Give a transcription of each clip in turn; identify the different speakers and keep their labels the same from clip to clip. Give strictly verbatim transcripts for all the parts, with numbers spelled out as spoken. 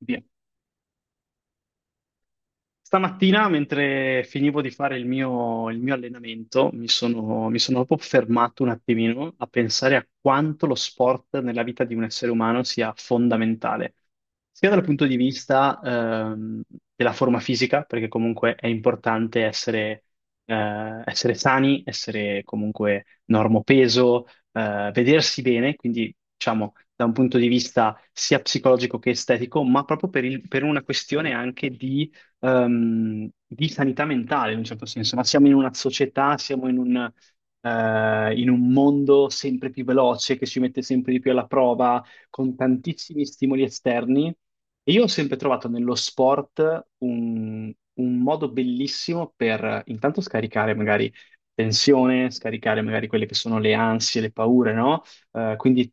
Speaker 1: Via. Stamattina, mentre finivo di fare il mio, il mio allenamento, mi sono, mi sono proprio fermato un attimino a pensare a quanto lo sport nella vita di un essere umano sia fondamentale, sia dal punto di vista ehm, della forma fisica, perché comunque è importante essere, eh, essere sani, essere comunque normopeso, eh, vedersi bene, quindi diciamo da un punto di vista sia psicologico che estetico, ma proprio per il- per una questione anche di ehm, di sanità mentale in un certo senso. Ma siamo in una società, siamo in un, eh, in un mondo sempre più veloce che ci mette sempre di più alla prova con tantissimi stimoli esterni. E io ho sempre trovato nello sport un, un modo bellissimo per eh, intanto scaricare magari tensione, scaricare magari quelle che sono le ansie, le paure, no? Eh, quindi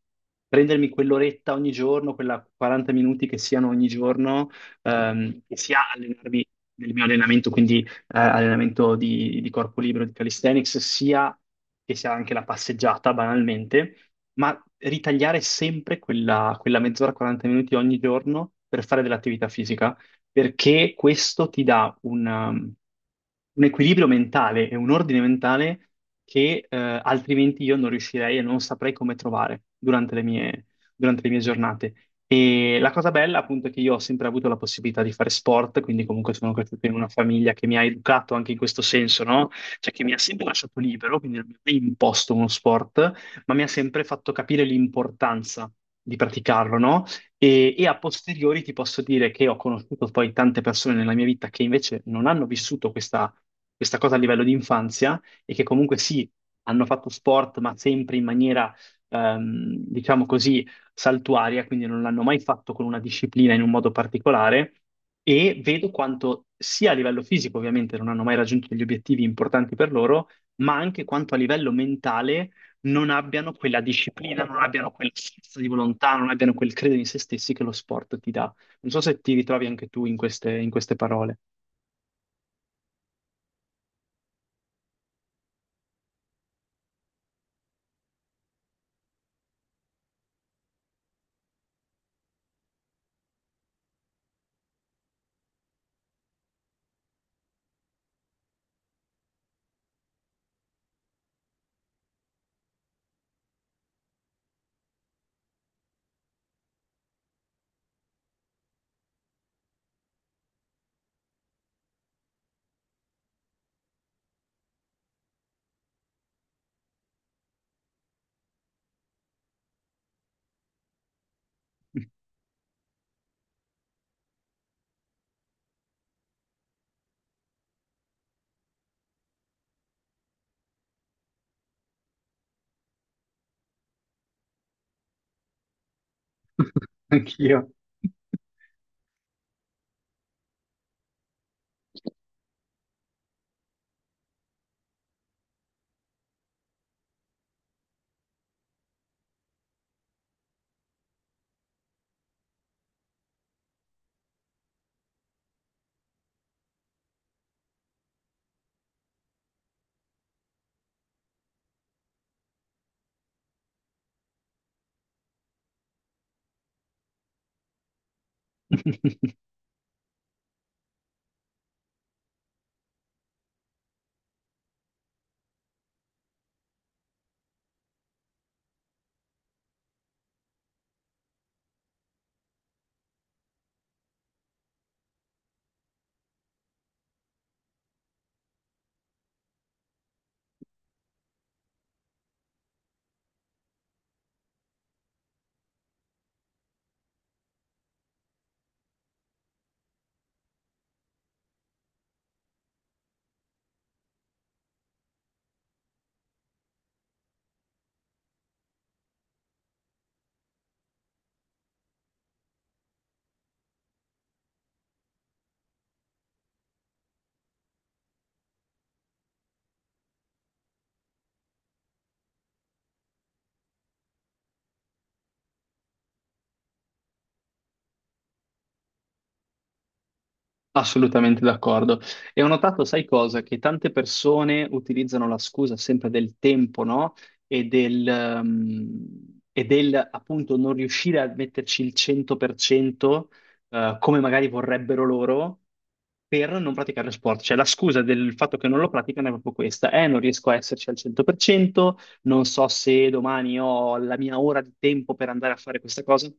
Speaker 1: prendermi quell'oretta ogni giorno, quella quaranta minuti che siano ogni giorno ehm, sia allenarmi nel mio allenamento, quindi eh, allenamento di, di corpo libero, di calisthenics, sia che sia anche la passeggiata, banalmente, ma ritagliare sempre quella, quella mezz'ora, quaranta minuti ogni giorno per fare dell'attività fisica, perché questo ti dà un, um, un equilibrio mentale e un ordine mentale che eh, altrimenti io non riuscirei e non saprei come trovare durante le mie, durante le mie giornate. E la cosa bella, appunto, è che io ho sempre avuto la possibilità di fare sport, quindi comunque sono cresciuto in una famiglia che mi ha educato anche in questo senso, no? Cioè che mi ha sempre lasciato libero, quindi non mi ha mai imposto uno sport, ma mi ha sempre fatto capire l'importanza di praticarlo, no? E, e a posteriori ti posso dire che ho conosciuto poi tante persone nella mia vita che invece non hanno vissuto questa, questa cosa a livello di infanzia, e che comunque sì, hanno fatto sport, ma sempre in maniera ehm, diciamo così, saltuaria, quindi non l'hanno mai fatto con una disciplina in un modo particolare, e vedo quanto sia a livello fisico, ovviamente non hanno mai raggiunto degli obiettivi importanti per loro, ma anche quanto a livello mentale non abbiano quella disciplina, non abbiano quella forza di volontà, non abbiano quel credere in se stessi che lo sport ti dà. Non so se ti ritrovi anche tu in queste, in queste parole. Anch'io. Assolutamente d'accordo. E ho notato, sai cosa? Che tante persone utilizzano la scusa sempre del tempo, no? E del, ehm, e del appunto non riuscire a metterci il cento per cento, eh, come magari vorrebbero loro, per non praticare lo sport. Cioè la scusa del fatto che non lo praticano è proprio questa. Eh, non riesco a esserci al cento per cento, non so se domani ho la mia ora di tempo per andare a fare questa cosa.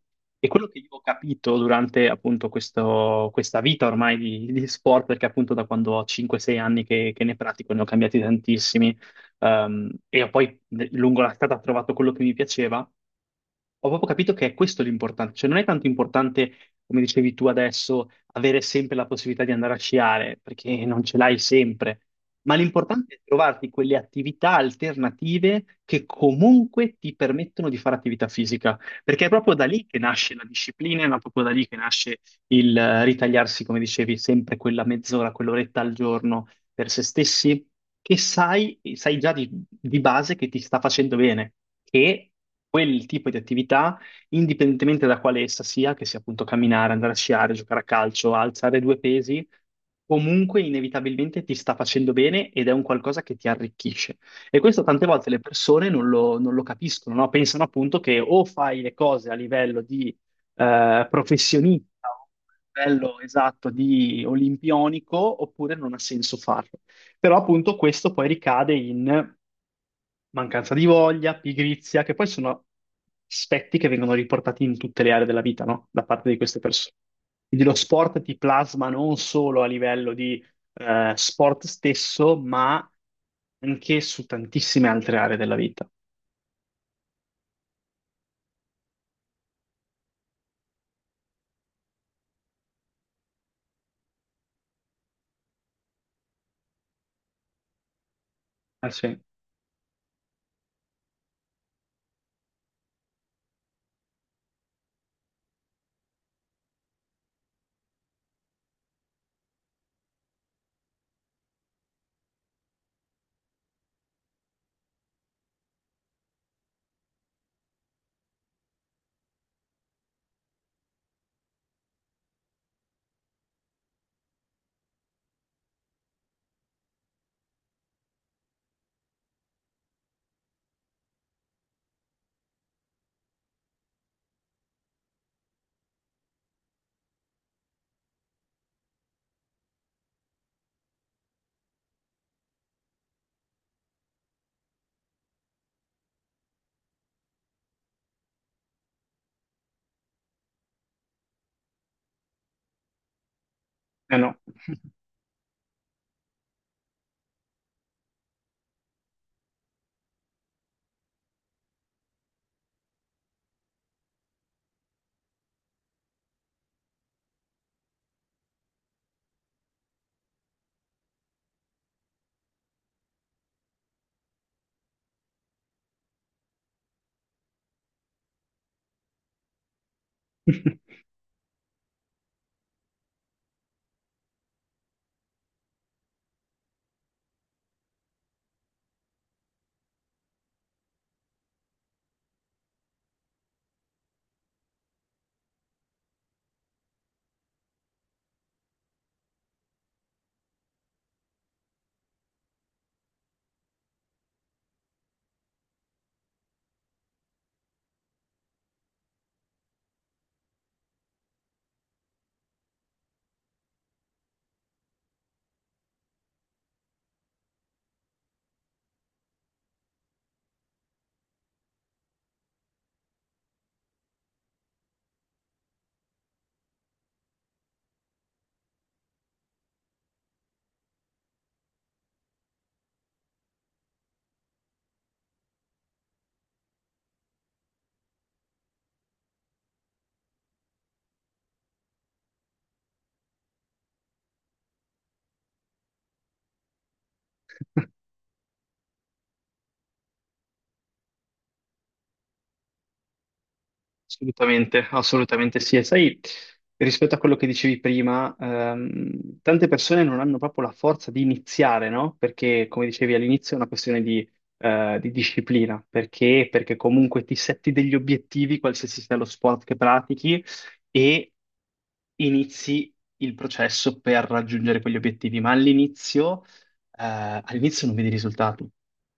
Speaker 1: E quello che io ho capito durante appunto questo- questa vita ormai di, di sport, perché appunto da quando ho cinque sei anni che, che ne pratico, ne ho cambiati tantissimi, ehm, e ho poi ne- lungo la strada ho trovato quello che mi piaceva, ho proprio capito che è questo l'importante. Cioè non è tanto importante, come dicevi tu adesso, avere sempre la possibilità di andare a sciare, perché non ce l'hai sempre, ma l'importante è trovarti quelle attività alternative che comunque ti permettono di fare attività fisica, perché è proprio da lì che nasce la disciplina, è proprio da lì che nasce il eh, ritagliarsi, come dicevi, sempre quella mezz'ora, quell'oretta al giorno per se stessi, che sai, sai già di, di base che ti sta facendo bene, che quel tipo di attività, indipendentemente da quale essa sia, che sia appunto camminare, andare a sciare, giocare a calcio, alzare due pesi, comunque inevitabilmente ti sta facendo bene ed è un qualcosa che ti arricchisce. E questo tante volte le persone non lo, non lo capiscono, no? Pensano appunto che o fai le cose a livello di eh, professionista, o a livello esatto di olimpionico, oppure non ha senso farlo. Però appunto questo poi ricade in mancanza di voglia, pigrizia, che poi sono aspetti che vengono riportati in tutte le aree della vita, no? Da parte di queste persone. Quindi lo sport ti plasma non solo a livello di eh, sport stesso, ma anche su tantissime altre aree della vita. Eh sì, eh no. Assolutamente, assolutamente sì. E sai, rispetto a quello che dicevi prima, ehm, tante persone non hanno proprio la forza di iniziare, no? Perché, come dicevi all'inizio, è una questione di, eh, di disciplina. Perché? Perché comunque ti setti degli obiettivi, qualsiasi sia lo sport che pratichi, e inizi il processo per raggiungere quegli obiettivi. Ma all'inizio, eh, all'inizio non vedi risultati.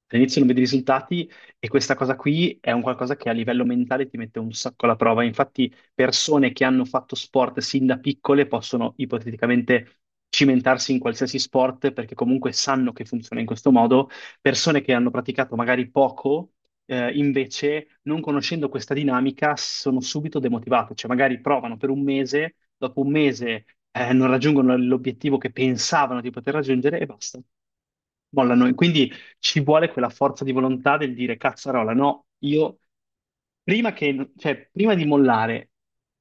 Speaker 1: All'inizio non vedi risultati, e questa cosa qui è un qualcosa che a livello mentale ti mette un sacco alla prova. Infatti, persone che hanno fatto sport sin da piccole possono ipoteticamente cimentarsi in qualsiasi sport, perché comunque sanno che funziona in questo modo. Persone che hanno praticato magari poco, eh, invece, non conoscendo questa dinamica, sono subito demotivate. Cioè, magari provano per un mese, dopo un mese, eh, non raggiungono l'obiettivo che pensavano di poter raggiungere e basta, mollano. E quindi ci vuole quella forza di volontà del dire: cazzarola, no, io prima che, cioè, prima di mollare,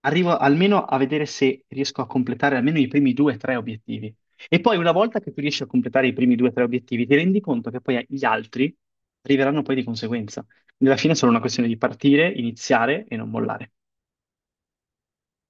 Speaker 1: arrivo almeno a vedere se riesco a completare almeno i primi due o tre obiettivi. E poi una volta che tu riesci a completare i primi due o tre obiettivi, ti rendi conto che poi gli altri arriveranno poi di conseguenza. Nella fine è solo una questione di partire, iniziare e non mollare.